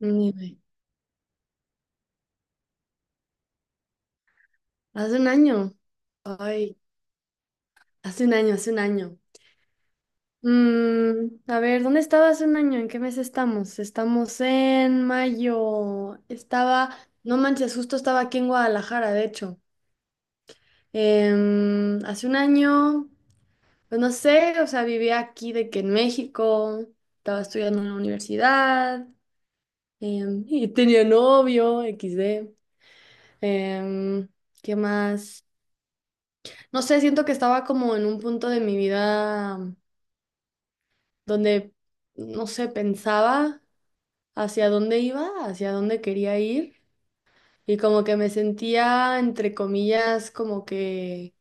Ni idea. Hace un año. Ay, hace un año, hace un año. A ver, ¿dónde estaba hace un año? ¿En qué mes estamos? Estamos en mayo. No manches, justo estaba aquí en Guadalajara, de hecho. Hace un año, pues no sé, o sea, vivía aquí de que en México, estaba estudiando en la universidad, y tenía novio, XD. Em, ¿Qué más? No sé, siento que estaba como en un punto de mi vida donde, no sé, pensaba hacia dónde iba, hacia dónde quería ir y como que me sentía, entre comillas, como que,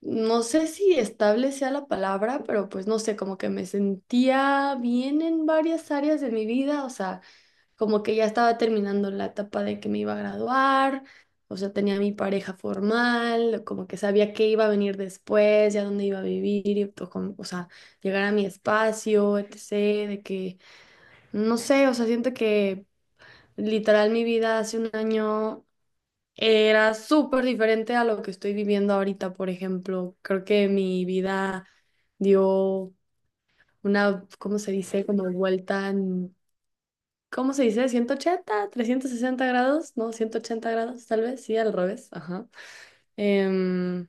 no sé si estable sea la palabra, pero pues no sé, como que me sentía bien en varias áreas de mi vida, o sea, como que ya estaba terminando la etapa de que me iba a graduar, o sea, tenía mi pareja formal, como que sabía qué iba a venir después, ya dónde iba a vivir, y o sea, llegar a mi espacio, etc., de que, no sé, o sea, siento que literal mi vida hace un año era súper diferente a lo que estoy viviendo ahorita, por ejemplo, creo que mi vida dio una, ¿cómo se dice? Como vuelta. ¿Cómo se dice? ¿180 360 grados? No, 180 grados, tal vez, sí, al revés, ajá. Em,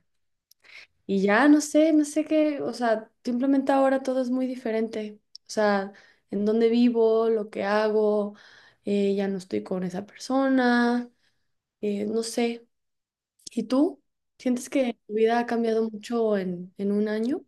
y ya, no sé, no sé qué, o sea, simplemente ahora todo es muy diferente. O sea, en dónde vivo, lo que hago, ya no estoy con esa persona, no sé. ¿Y tú? ¿Sientes que tu vida ha cambiado mucho en un año?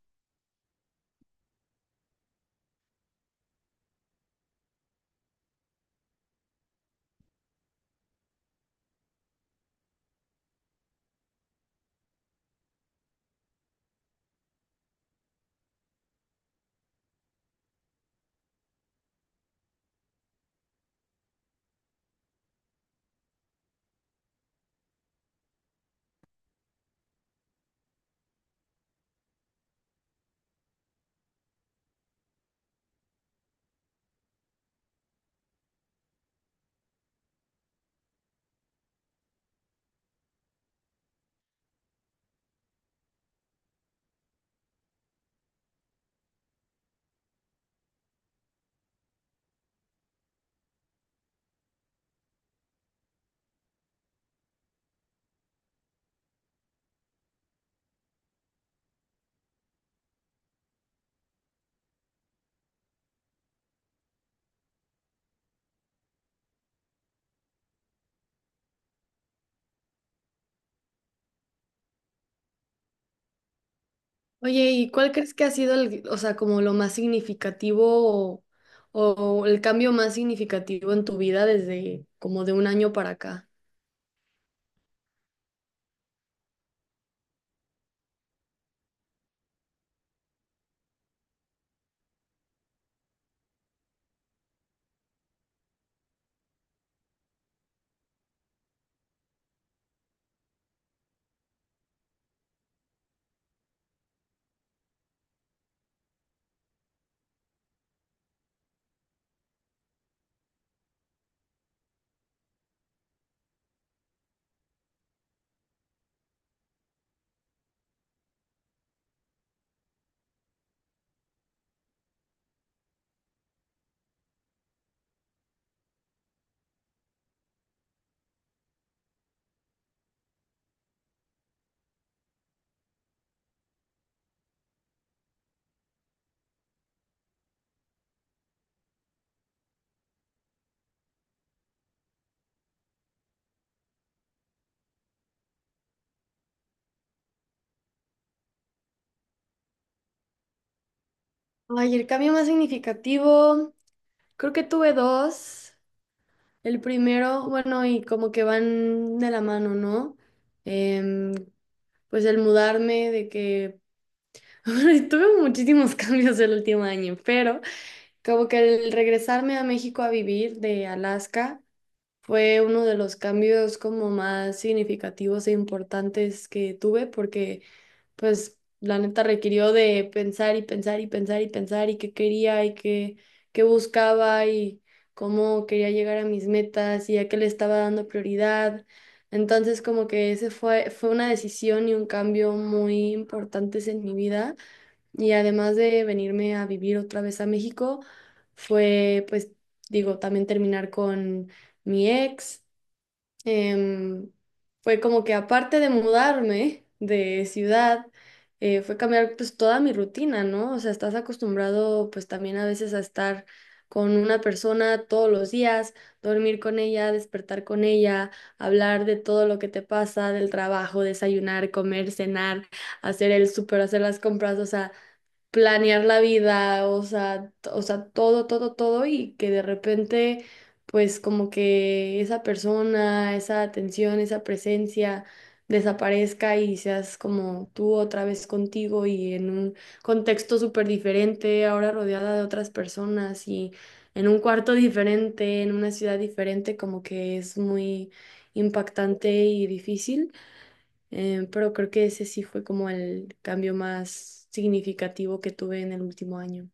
Oye, ¿y cuál crees que ha sido o sea, como lo más significativo o, o el cambio más significativo en tu vida desde como de un año para acá? Ay, el cambio más significativo, creo que tuve dos. El primero, bueno, y como que van de la mano, ¿no? Em, pues el mudarme, de que bueno, tuve muchísimos cambios el último año, pero como que el regresarme a México a vivir de Alaska. Fue uno de los cambios como más significativos e importantes que tuve porque pues la neta requirió de pensar y pensar y pensar y pensar y qué quería y qué buscaba y cómo quería llegar a mis metas y a qué le estaba dando prioridad. Entonces como que ese fue una decisión y un cambio muy importantes en mi vida y además de venirme a vivir otra vez a México, fue, pues, digo, también terminar con mi ex. Em, Fue como que aparte de mudarme de ciudad, fue cambiar pues toda mi rutina, ¿no? O sea, estás acostumbrado pues también a veces a estar con una persona todos los días, dormir con ella, despertar con ella, hablar de todo lo que te pasa, del trabajo, desayunar, comer, cenar, hacer el súper, hacer las compras, o sea planear la vida, o sea, o sea, todo, todo, todo y que de repente, pues como que esa persona, esa atención, esa presencia desaparezca y seas como tú otra vez contigo y en un contexto súper diferente, ahora rodeada de otras personas y en un cuarto diferente, en una ciudad diferente, como que es muy impactante y difícil. Pero creo que ese sí fue como el cambio más significativo que tuve en el último año.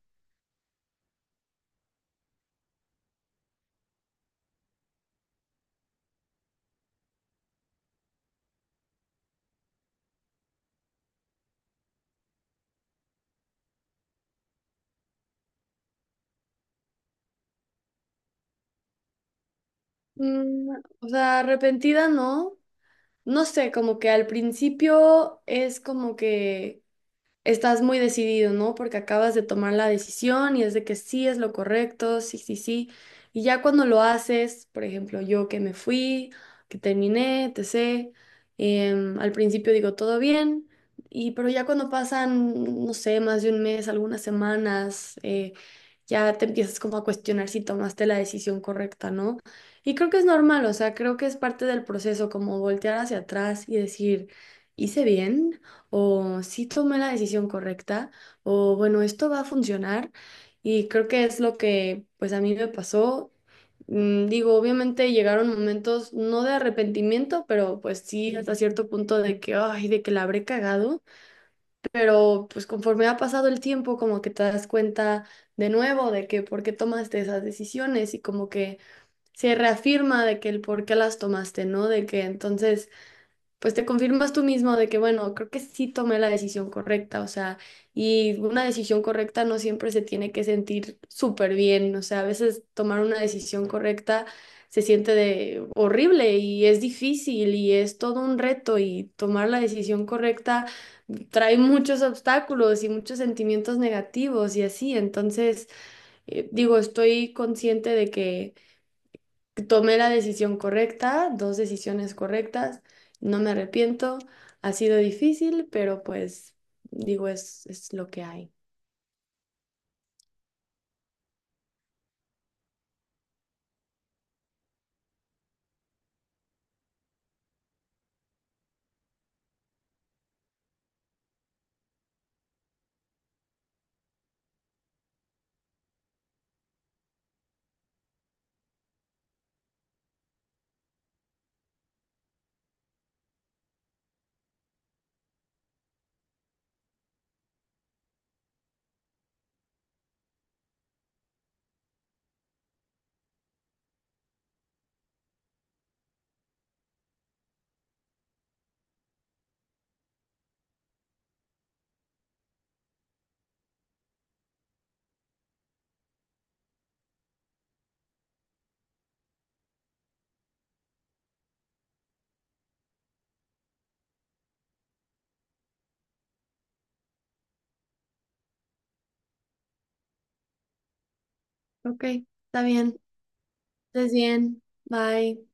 Mm, o sea, arrepentida no. No sé, como que al principio es como que estás muy decidido, ¿no? Porque acabas de tomar la decisión y es de que sí es lo correcto, sí, sí, sí. Y ya cuando lo haces, por ejemplo, yo que me fui, que terminé, etc. Al principio digo todo bien, y pero ya cuando pasan, no sé, más de un mes, algunas semanas, ya te empiezas como a cuestionar si tomaste la decisión correcta, ¿no? Y creo que es normal, o sea, creo que es parte del proceso, como voltear hacia atrás y decir, ¿hice bien? ¿O sí tomé la decisión correcta? ¿O bueno, esto va a funcionar? Y creo que es lo que pues a mí me pasó. Digo, obviamente llegaron momentos no de arrepentimiento, pero pues sí, hasta cierto punto de que, ay, de que la habré cagado. Pero pues conforme ha pasado el tiempo, como que te das cuenta de nuevo de que por qué tomaste esas decisiones y como que se reafirma de que el por qué las tomaste, ¿no? De que entonces pues te confirmas tú mismo de que, bueno, creo que sí tomé la decisión correcta, o sea, y una decisión correcta no siempre se tiene que sentir súper bien, o sea, a veces tomar una decisión correcta se siente de horrible y es difícil y es todo un reto y tomar la decisión correcta trae muchos obstáculos y muchos sentimientos negativos y así, entonces, digo, estoy consciente de que tomé la decisión correcta, dos decisiones correctas, no me arrepiento, ha sido difícil, pero pues digo, es lo que hay. Ok, está bien, estés bien, bye.